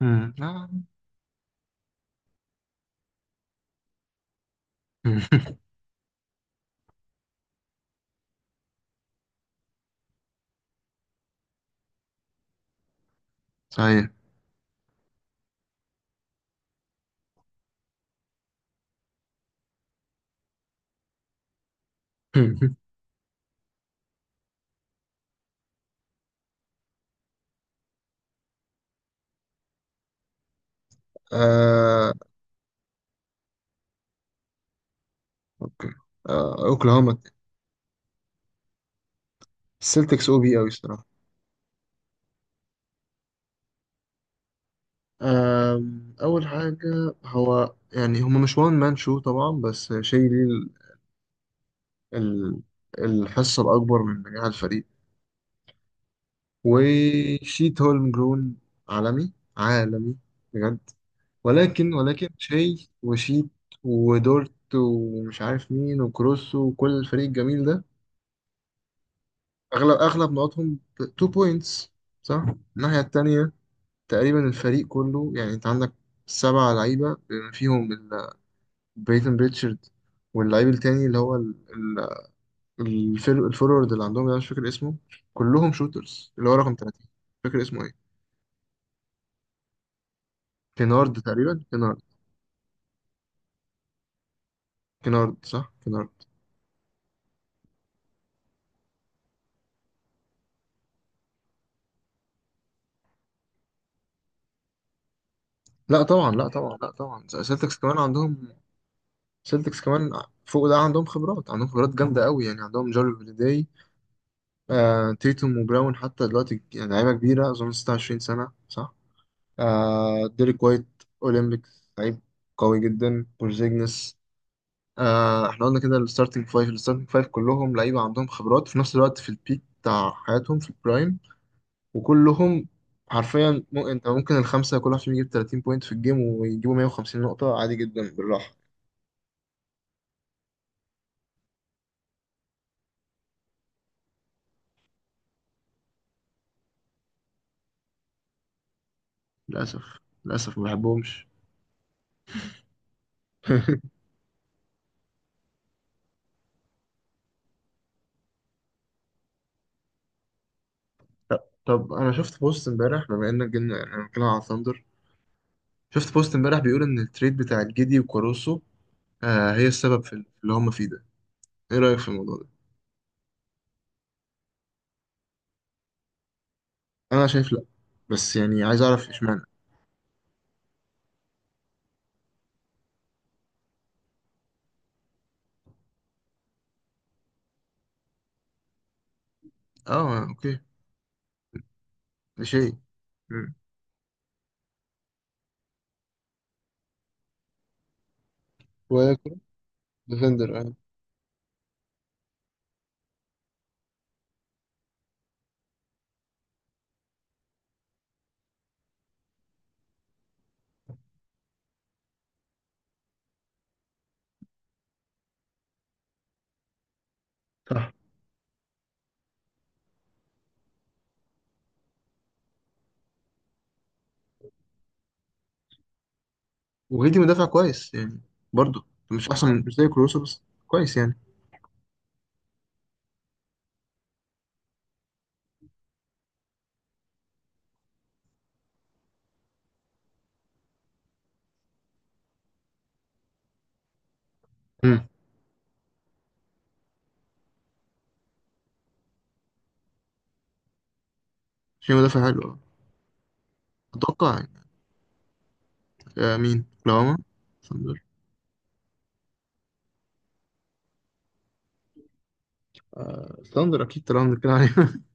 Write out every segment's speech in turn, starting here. مم. آه. صحيح. آه. اوكي. آه. اوكلاهوما، السلتكس او بي قوي الصراحه. آه. اول حاجه هو يعني هما مش وان مان شو طبعا، بس شيء ليه ال- الحصه الاكبر من نجاح الفريق. وشيت هولم جرون، عالمي عالمي بجد. ولكن شيء وشيت ودورت ومش عارف مين وكروس وكل الفريق الجميل ده، اغلب نقطهم 2 بوينتس، صح. الناحيه التانية تقريبا الفريق كله، يعني انت عندك 7 لعيبه بما فيهم بريتن ريتشارد. واللعيب التاني اللي هو الفورورد اللي عندهم ده مش فاكر اسمه، كلهم شوترز، اللي هو رقم 30 مش فاكر اسمه ايه. كينارد، تقريبا كينارد. كينارد، صح كينارد. لا طبعا، لا طبعا، لا طبعا، سيلتكس كمان عندهم. سيلتكس كمان، فوق ده عندهم خبرات جامده قوي يعني. عندهم جاري هوليداي، آه، تيتوم وبراون، حتى دلوقتي يعني لعيبة كبيرة، أظن 26 سنة صح؟ آه ديريك وايت، أولمبيكس لعيب قوي جدا. بورزيجنس. آه احنا قلنا كده، الستارتنج فايف كلهم لعيبة عندهم خبرات، في نفس الوقت في البيك بتاع حياتهم في البرايم، وكلهم حرفيا. مو انت ممكن الخمسة كل واحد فيهم يجيب 30 بوينت في الجيم ويجيبوا 150 نقطة عادي جدا بالراحة. للأسف، للأسف ما بحبهمش. طب طب انا شفت بوست امبارح، بما انك جبنا، يعني انا بتكلم على ثاندر. شفت بوست امبارح بيقول ان التريد بتاع الجدي وكاروسو آه هي السبب في اللي هم فيه ده. ايه رأيك في الموضوع ده؟ انا شايف لا، بس يعني عايز اعرف اشمعنى. اه اوكي. ده شيء. مم. وهي كرة. ديفندر، اه صح. وجدي مدافع كويس يعني، برضه. مش احسن من- مش زي كاروسو، بس كويس يعني. امم شيء مدافع حلو. آه. اتوقع يعني. آه مين كلاما؟ ثاندر. ثاندر اكيد طالما بنتكلم عليه.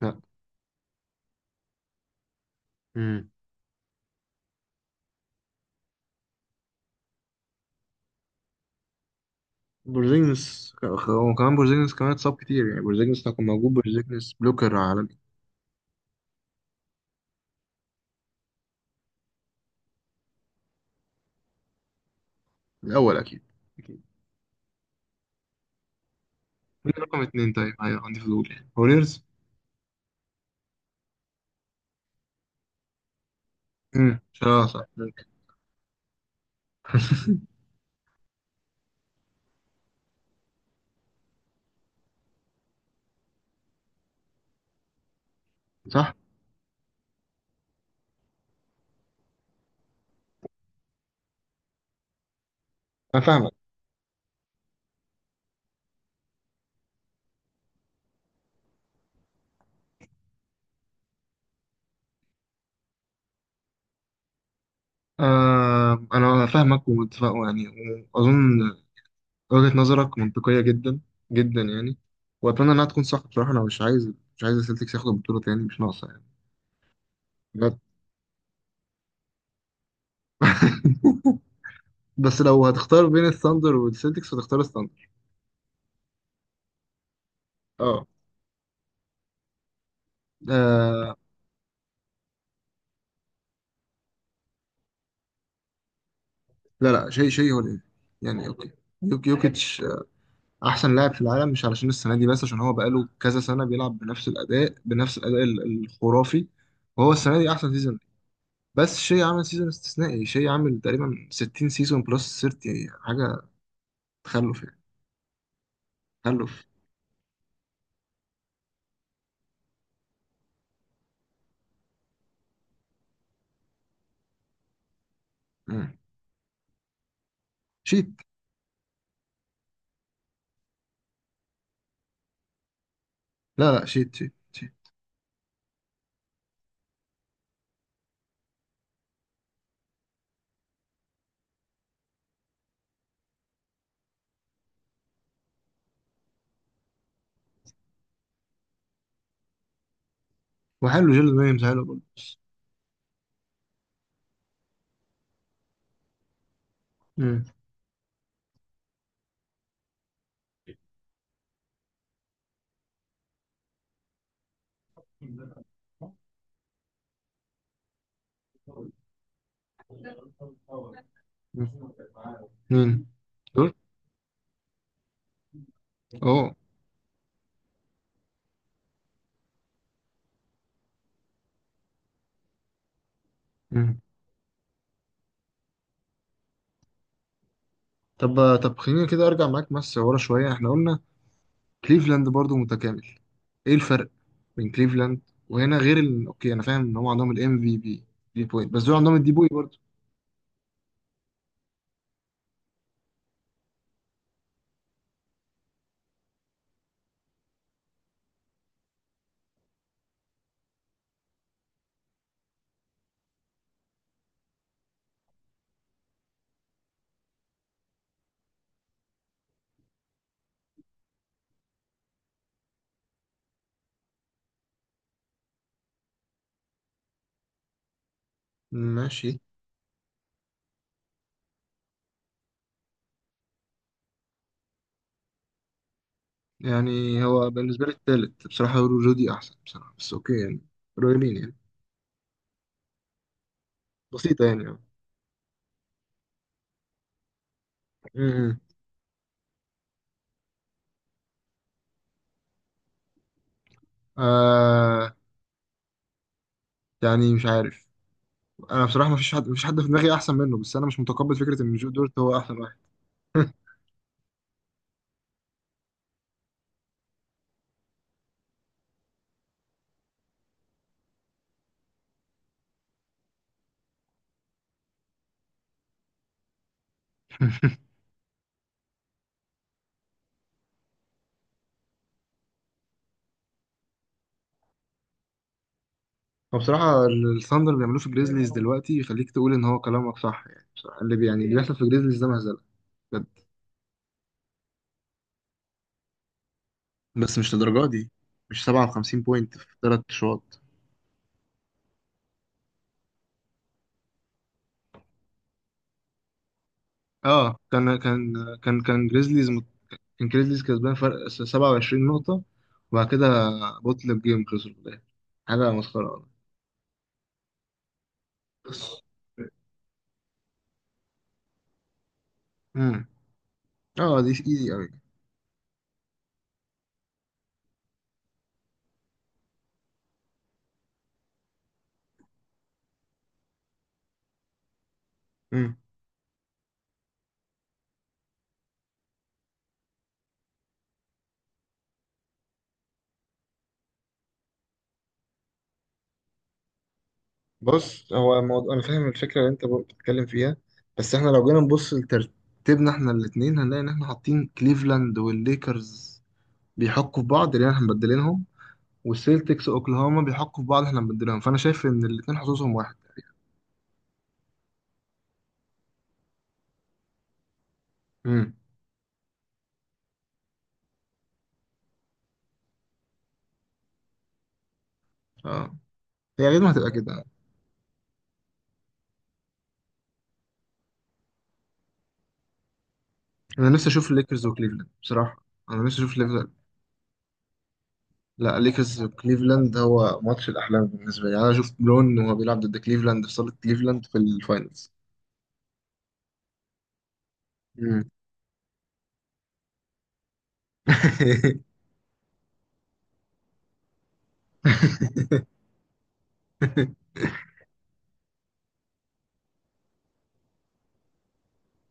لا. امم بورزينجس كمان اتصاب كتير يعني، بورزينجس لو كان موجود، بورزينجس بلوكر. الأول أكيد. أكيد. مين رقم اتنين طيب؟ أيوة عندي فضول يعني، ووريرز. اه صح ممكن. صح؟ أنا فاهمك. آه أنا فاهمك ومتفق يعني، وأظن وجهة نظرك منطقية جدا، جدا يعني. وأتمنى إنها تكون صح، بصراحة أنا مش عايز السلتكس ياخدوا البطولة تاني، مش ناقصة يعني. بجد. بس لو هتختار بين الثاندر والسلتكس هتختار الثاندر. اه. آه. لا لا، شيء هو الإيه، يعني أوكي. يوكيتش احسن لاعب في العالم، مش علشان السنه دي بس، عشان هو بقاله كذا سنه بيلعب بنفس الاداء، الخرافي. وهو السنه دي احسن سيزون. بس شيء عامل سيزون استثنائي، شيء عامل تقريبا 60 سيزون بلس 30 حاجه. تخلف يعني، تخلف. مم. شيت. لا لا، شيت شيت شيت. وحلو، جيل ويليامز حلو برضه. مم. مم. مين دول؟ اه. مم. طب خلينا كده، ارجع معاك بس ورا شويه. احنا قلنا كليفلاند برضو متكامل، ايه الفرق بين كليفلاند وهنا، غير ال... اوكي، انا فاهم ان هم عندهم الام في بي، دي بوينت، بس دول عندهم الدي بوي برضو. ماشي. يعني هو بالنسبه لي التالت بصراحه، رودي احسن بصراحه، بس اوكي يعني، قريبين يعني، بسيطه يعني، اه. م-م. آه، يعني مش عارف. انا بصراحه ما فيش حد في دماغي احسن منه، بس انا مش متقبل فكره ان جو دورت هو احسن واحد. هو بصراحة الثاندر اللي بيعملوه في الجريزليز دلوقتي يخليك تقول إن هو كلامك صح، يعني بصراحة يعني اللي بيحصل في الجريزليز ده مهزلة. بجد. بس مش للدرجه دي، مش 57 بوينت في 3 شوط. اه كان كان جريزليز مت- كان جريزليز كسبان فرق 27 نقطة، وبعد كده بطل جيم خسر في الآخر. حاجة مسخرة والله. بس. امم اه دي ايزي قوي. امم بص، هو الموضوع انا فاهم الفكرة اللي انت بتتكلم فيها، بس احنا لو جينا نبص لترتيبنا احنا الاتنين، هنلاقي ان احنا حاطين كليفلاند والليكرز بيحكوا في بعض لان احنا مبدلينهم، والسيلتكس اوكلاهوما بيحقوا في بعض احنا بنديلهم. فانا شايف ان الاثنين حظوظهم واحد. امم اه هي غير ما هتبقى كده. انا نفسي اشوف الليكرز وكليفلاند بصراحه. انا نفسي اشوف ليفلاند. لا، الليكرز وكليفلاند هو ماتش الاحلام بالنسبه لي، يعني انا اشوف برون وهو بيلعب ضد كليفلاند في صاله كليفلاند في الفاينلز. امم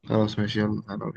خلاص ماشي، يلا تعالوا.